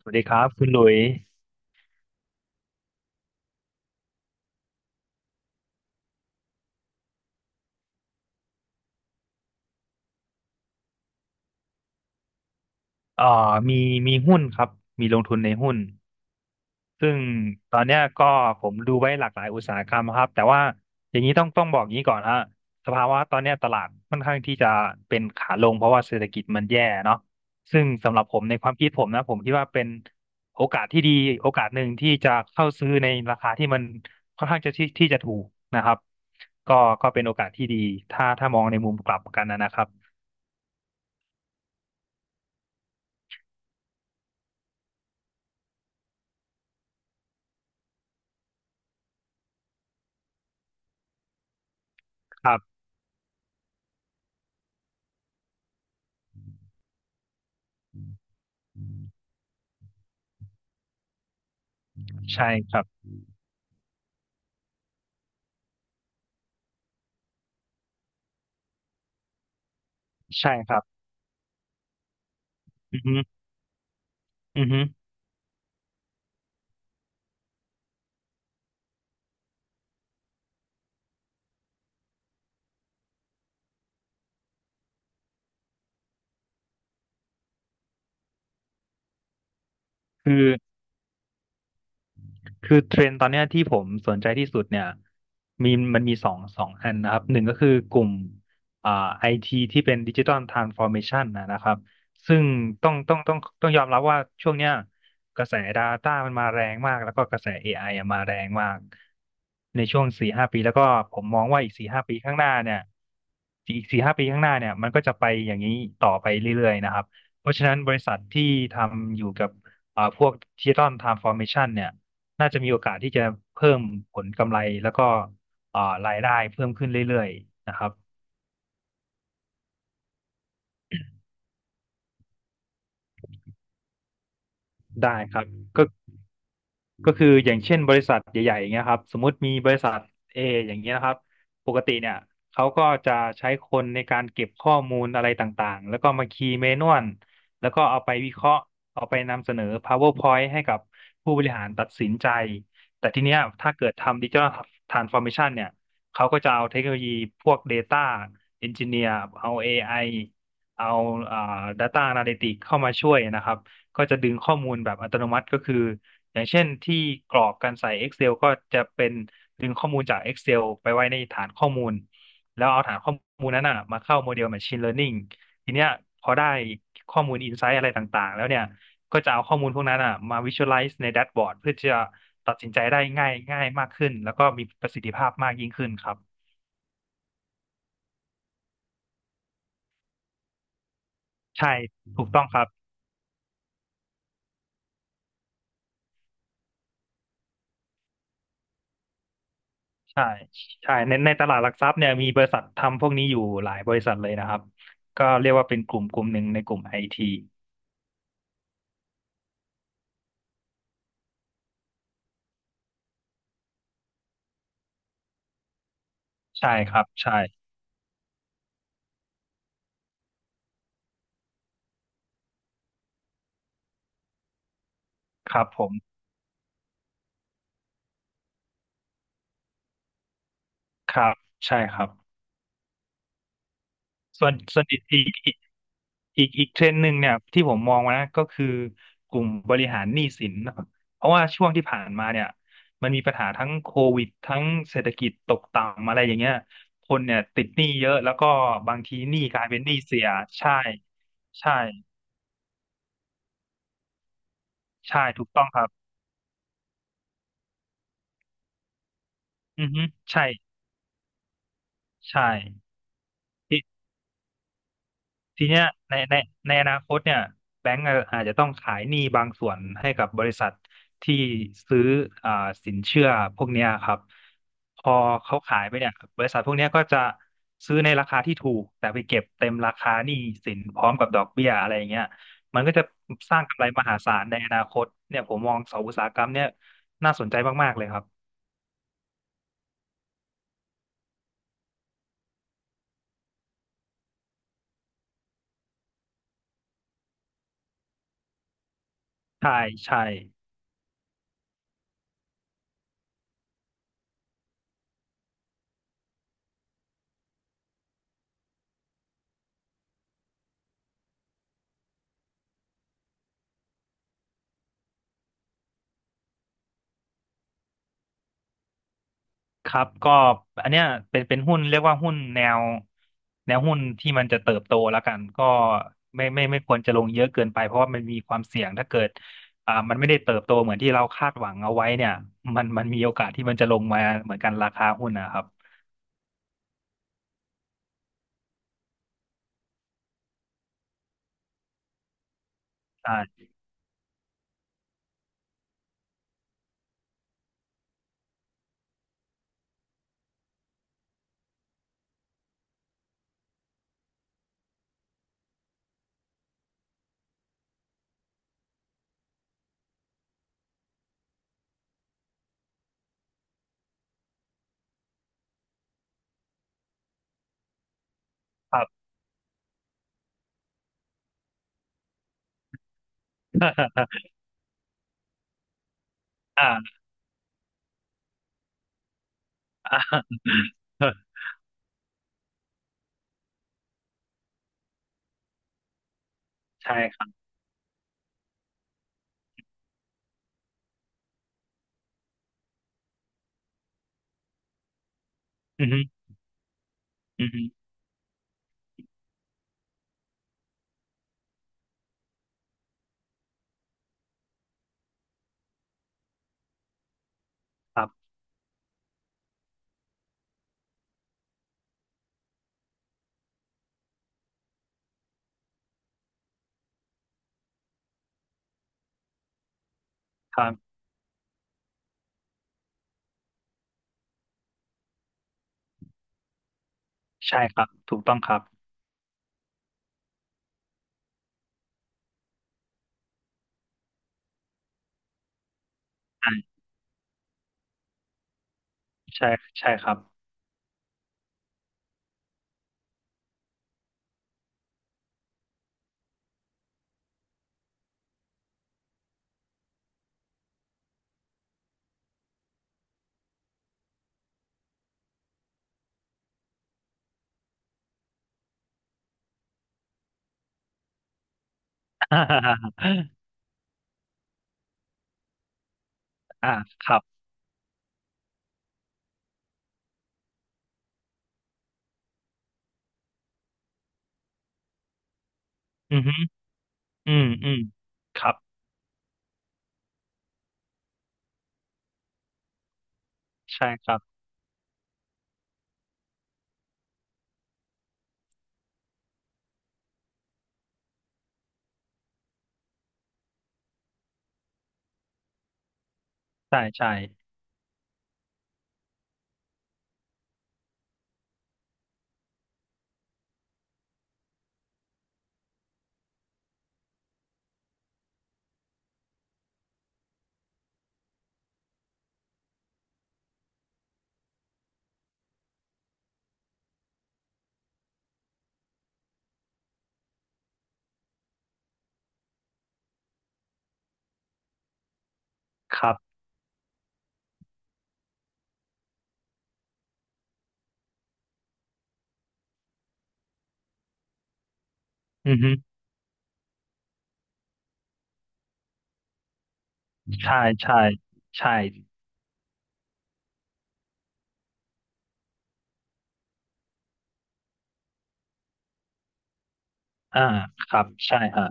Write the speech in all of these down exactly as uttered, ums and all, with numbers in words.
สวัสดีครับคุณหลุยเอ่อมีมีหุ้นครับมีลงทุนในหุ้นซึ่งตอนเนี้ยก็ผมดูไว้หลากหลายอุตสาหกรรมครับแต่ว่าอย่างนี้ต้องต้องบอกอย่างนี้ก่อนฮะสภาวะตอนเนี้ยตลาดค่อนข้างที่จะเป็นขาลงเพราะว่าเศรษฐกิจมันแย่เนาะซึ่งสำหรับผมในความคิดผมนะผมคิดว่าเป็นโอกาสที่ดีโอกาสหนึ่งที่จะเข้าซื้อในราคาที่มันค่อนข้างจะที่ที่จะถูกนะครับก็ก็เป็นโอกาสที่ดีถ้าถ้ามองในมุมกลับกันนะครับครับใช่ครับใช่ครับ อือฮึอือฮึคือ คือเทรนด์ตอนเนี้ยที่ผมสนใจที่สุดเนี่ยมีมันมีสองสองอันนะครับหนึ่งก็คือกลุ่มอ่าไอทีที่เป็นดิจิ t a ลทรานส์ฟอร์เมชันนะครับซึ่งต้องต้องต้องต้องยอมรับว่าช่วงเนี้ยกระแส Data มันมาแรงมากแล้วก็กระแส เอ ไอ อไออะมาแรงมากในช่วงสี่ห้าปีแล้วก็ผมมองว่าอีกสี่ห้าปีข้างหน้าเนี่ยอีกสี่ห้าปีข้างหน้าเนี่ยมันก็จะไปอย่างนี้ต่อไปเรื่อยๆนะครับเพราะฉะนั้นบริษัทที่ทำอยู่กับอ่าพวกดิจิตอลทรานส์ฟอร์เมชันเนี่ย น่าจะมีโอกาสที่จะเพิ่มผลกำไรแล้วก็อ่ารายได้เพิ่มขึ้นเรื่อยๆนะครับได้ครับก็ ก็คืออย่างเช่นบริษัทใหญ่ๆอย่างเงี้ยครับสมมุติมีบริษัท A อย่างเงี้ยนะครับปกติเนี่ยเขาก็จะใช้คนในการเก็บข้อมูลอะไรต่างๆแล้วก็มาคีย์เมนวลแล้วก็เอาไปวิเคราะห์เอาไปนำเสนอ PowerPoint ให้กับผู้บริหารตัดสินใจแต่ทีเนี้ยถ้าเกิดทำดิจิ a l Transformation เมชันเนี่ยเขาก็จะเอาเทคโนโลยีพวก Data Engineer เอา เอ ไอ เอาอ่า Data Analytics เข้ามาช่วยนะครับก็จะดึงข้อมูลแบบอัตโนมัติก็คือ อย่างเช่นที่กรอกการใส่ Excel กเซลก็จะเป็นดึงข้อมูลจาก Excel ไปไว้ในฐานข้อมูลแล้วเอาฐานข้อมูลนั้นน่ะมาเข้าโมเดล Machine Learning ทีเนี้ยพอได้ข้อมูล Insight อะไรต่างๆแล้วเนี่ยก็จะเอาข้อมูลพวกนั้นอ่ะมา Visualize ในแดชบอร์ดเพื่อจะตัดสินใจได้ง่ายง่ายมากขึ้นแล้วก็มีประสิทธิภาพมากยิ่งขึ้นครับใช่ถูกต้องครับใช่ใช่ในในตลาดหลักทรัพย์เนี่ยมีบริษัททำพวกนี้อยู่หลายบริษัทเลยนะครับก็เรียกว่าเป็นกลุ่มกลุ่มหนึ่งในกลุ่มไอที ใช่ครับใช่ครับผมครับใช่ครับส่วนส่วนอีกอีกอีกอีกอีกเทรนด์หนึ่งเนี่ยที่ผมมองว่านะก็คือกลุ่มบริหารหนี้สินนะครับเพราะว่าช่วงที่ผ่านมาเนี่ยมันมีปัญหาทั้งโควิดทั้งเศรษฐกิจตกต่ำอะไรอย่างเงี้ยคนเนี่ยติดหนี้เยอะแล้วก็บางทีหนี้กลายเป็นหนี้เสียใช่ใช่ใช่ถูกต้องครับอือฮึใช่ใช่ ทีเนี้ยในในในอนาคตเนี่ยแบงก์อะอาจจะต้องขายหนี้บางส่วนให้กับบริษัทที่ซื้ออ่าสินเชื่อพวกเนี้ยครับพอเขาขายไปเนี่ยบริษัทพวกเนี้ยก็จะซื้อในราคาที่ถูกแต่ไปเก็บเต็มราคาหนี้สินพร้อมกับดอกเบี้ยอะไรอย่างเงี้ยมันก็จะสร้างกำไรมหาศาลในอนาคตเนี่ยผมมองสองอุตสาหกรรมเนี่ยน่าสนใจมากๆเลยครับใช่ใช่ ครับก็อันเนี้ยเป็นเป็นหุ้นเรียกว่าหุ้นแนวแนวหุ้นที่มันจะเติบโตแล้วกันก็ไม่ไม่ไม่ควรจะลงเยอะเกินไปเพราะว่ามันมีความเสี่ยงถ้าเกิดอ่ามันไม่ได้เติบโตเหมือนที่เราคาดหวังเอาไว้เนี่ยมันมันมีโอกาสที่มันจะลงมาเหมือนกันราคาหุ้นนะครับอ่าครับ อ่า อ่าใช่ครับอือฮึอือฮึครับครับใช่ครับถูกต้องครับอ่าใช่ใช่ครับ อ่าครับอือฮึอืมอืมครับ ใช่ครับใช่ใช่ครับอือฮึใช่ใช่ใช่อ่าครับใช่ฮะ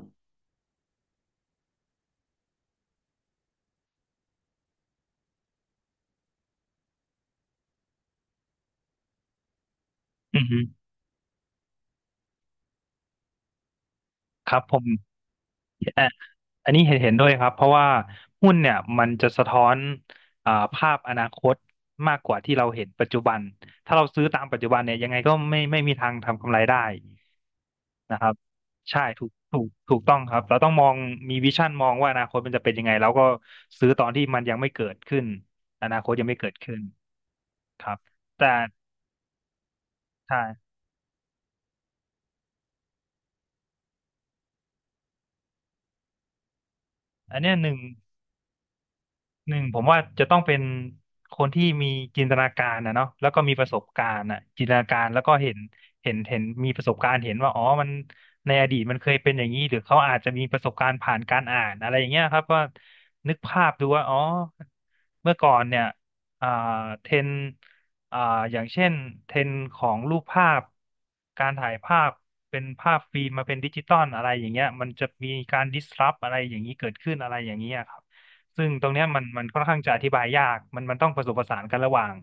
อือฮึครับผมอ่ะอันนี้เห็นเห็นด้วยครับเพราะว่าหุ้นเนี่ยมันจะสะท้อนอ่าภาพอนาคตมากกว่าที่เราเห็นปัจจุบันถ้าเราซื้อตามปัจจุบันเนี่ยยังไงก็ไม่ไม่มีทางทำกำไรได้นะครับใช่ถูกถูกถูกต้องครับเราต้องมองมีวิชั่นมองว่าอนาคตมันจะเป็นยังไงแล้วก็ซื้อตอนที่มันยังไม่เกิดขึ้นอนาคตยังไม่เกิดขึ้นครับแต่ใช่ อันเนี้ยหนึ่งหนึ่งผมว่าจะต้องเป็นคนที่มีจินตนาการนะเนาะแล้วก็มีประสบการณ์อ่ะจินตนาการแล้วก็เห็นเห็นเห็นมีประสบการณ์เห็นว่าอ๋อมันในอดีตมันเคยเป็นอย่างนี้หรือเขาอาจจะมีประสบการณ์ผ่านการอ่านอะไรอย่างเงี้ยครับว่านึกภาพดูว่าอ๋อเมื่อก่อนเนี่ยอ่าเทรนด์อ่าอย่างเช่นเทรนด์ของรูปภาพการถ่ายภาพเป็นภาพฟิล์มมาเป็นดิจิตอลอะไรอย่างเงี้ยมันจะมีการดิสรัปอะไรอย่างนี้เกิดขึ้นอะไรอย่างเงี้ยครับ ซึ่งตรงเนี้ยมันมันค่อนข้างจะอธิบายยากมันมันต้องผสมผสานกันระหว่าง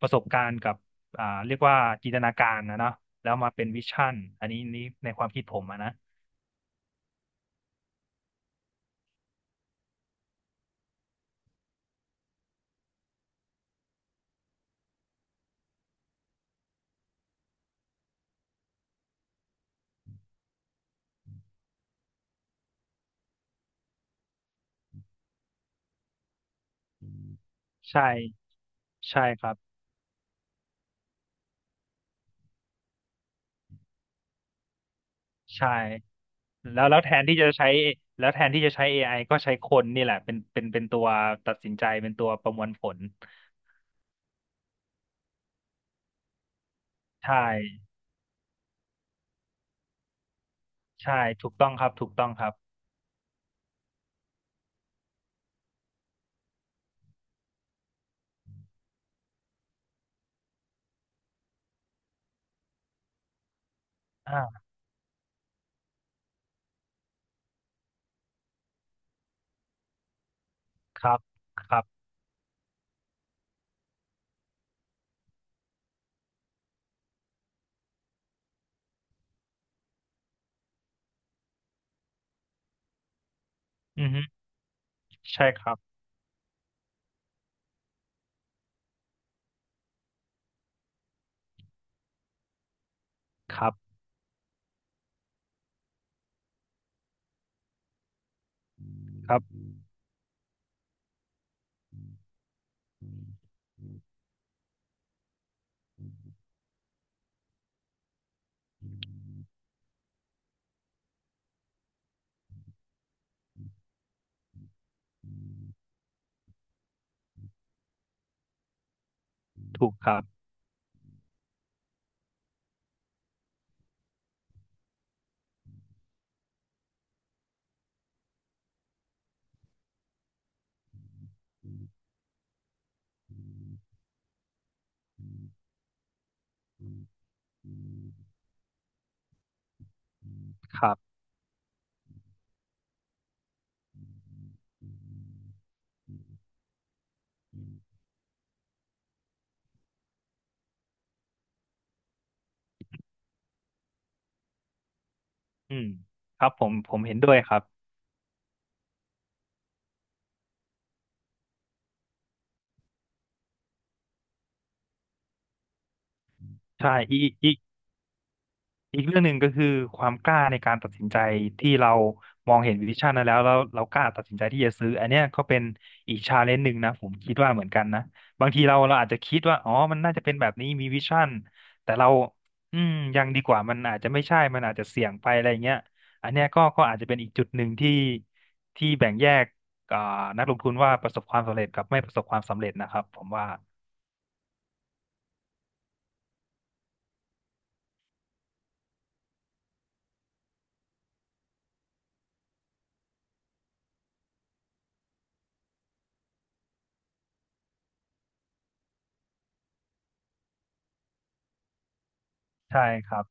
ประสบการณ์กับอ่าเรียกว่าจินตนาการนะเนาะแล้วมาเป็นวิชั่นอันนี้นี่ในความคิดผมอะนะใช่ใช่ครับใช่แล้วแล้วแทนที่จะใช้แล้วแทนที่จะใช้ เอ ไอ ก็ใช้คนนี่แหละเป็นเป็นเป็นตัวตัดสินใจเป็นตัวประมวลผลใช่ใช่ถูกต้องครับถูกต้องครับอ่าครับครับอือฮึใช่ครับครับครับถูกครับครับอืมครับผมผมเห็นด้วยครับ ใช่อีกอีกอีกเรื่องหนึ่งก็คือความกล้าในการตัดสินใจที่เรามองเห็นวิชั่นนั้นแล้วแล้วเรากล้าตัดสินใจที่จะซื้ออันเนี้ยก็เป็นอีกชาเลนจ์หนึ่งนะผมคิดว่าเหมือนกันนะบางทีเราเราอาจจะคิดว่าอ๋อมันน่าจะเป็นแบบนี้มีวิชั่นแต่เราอืมยังดีกว่ามันอาจจะไม่ใช่มันอาจจะเสี่ยงไปอะไรเงี้ยอันเนี้ยก็ก็อาจจะเป็นอีกจุดหนึ่งที่ที่แบ่งแยกอ่านักลงทุนว่าประสบความสำเร็จกับไม่ประสบความสำเร็จนะครับผมว่าใช่ครับ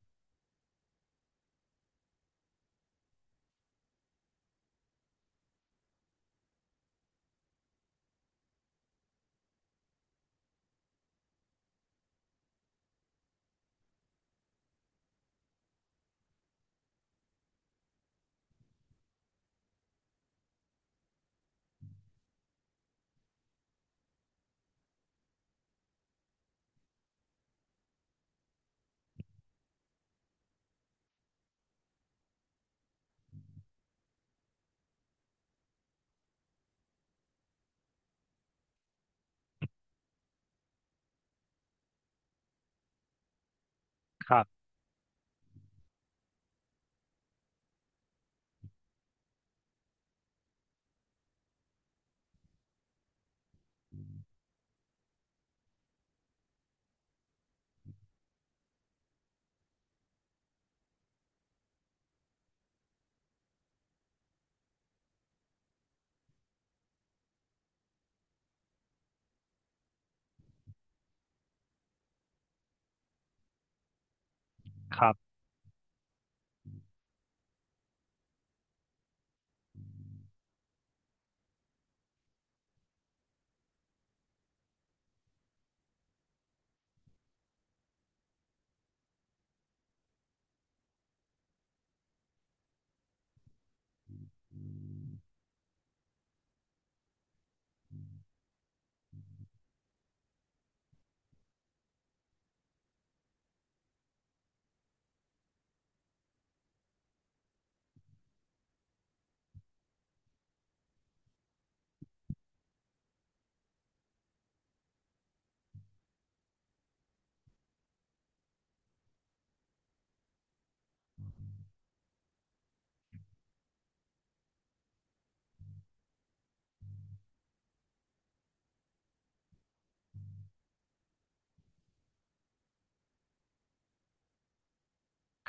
ครับครับ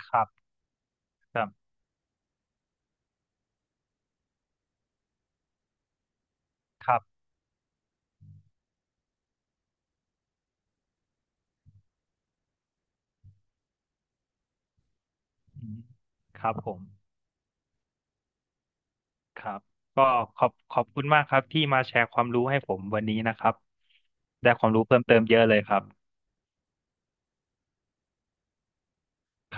ครับครับ อืมครับผมครับก็ขอบขอบคุณมากครับที่มาแชร์ความรู้ให้ผมวันนี้นะครับได้ความรู้เพิ่มเติมเยอะเลยครับ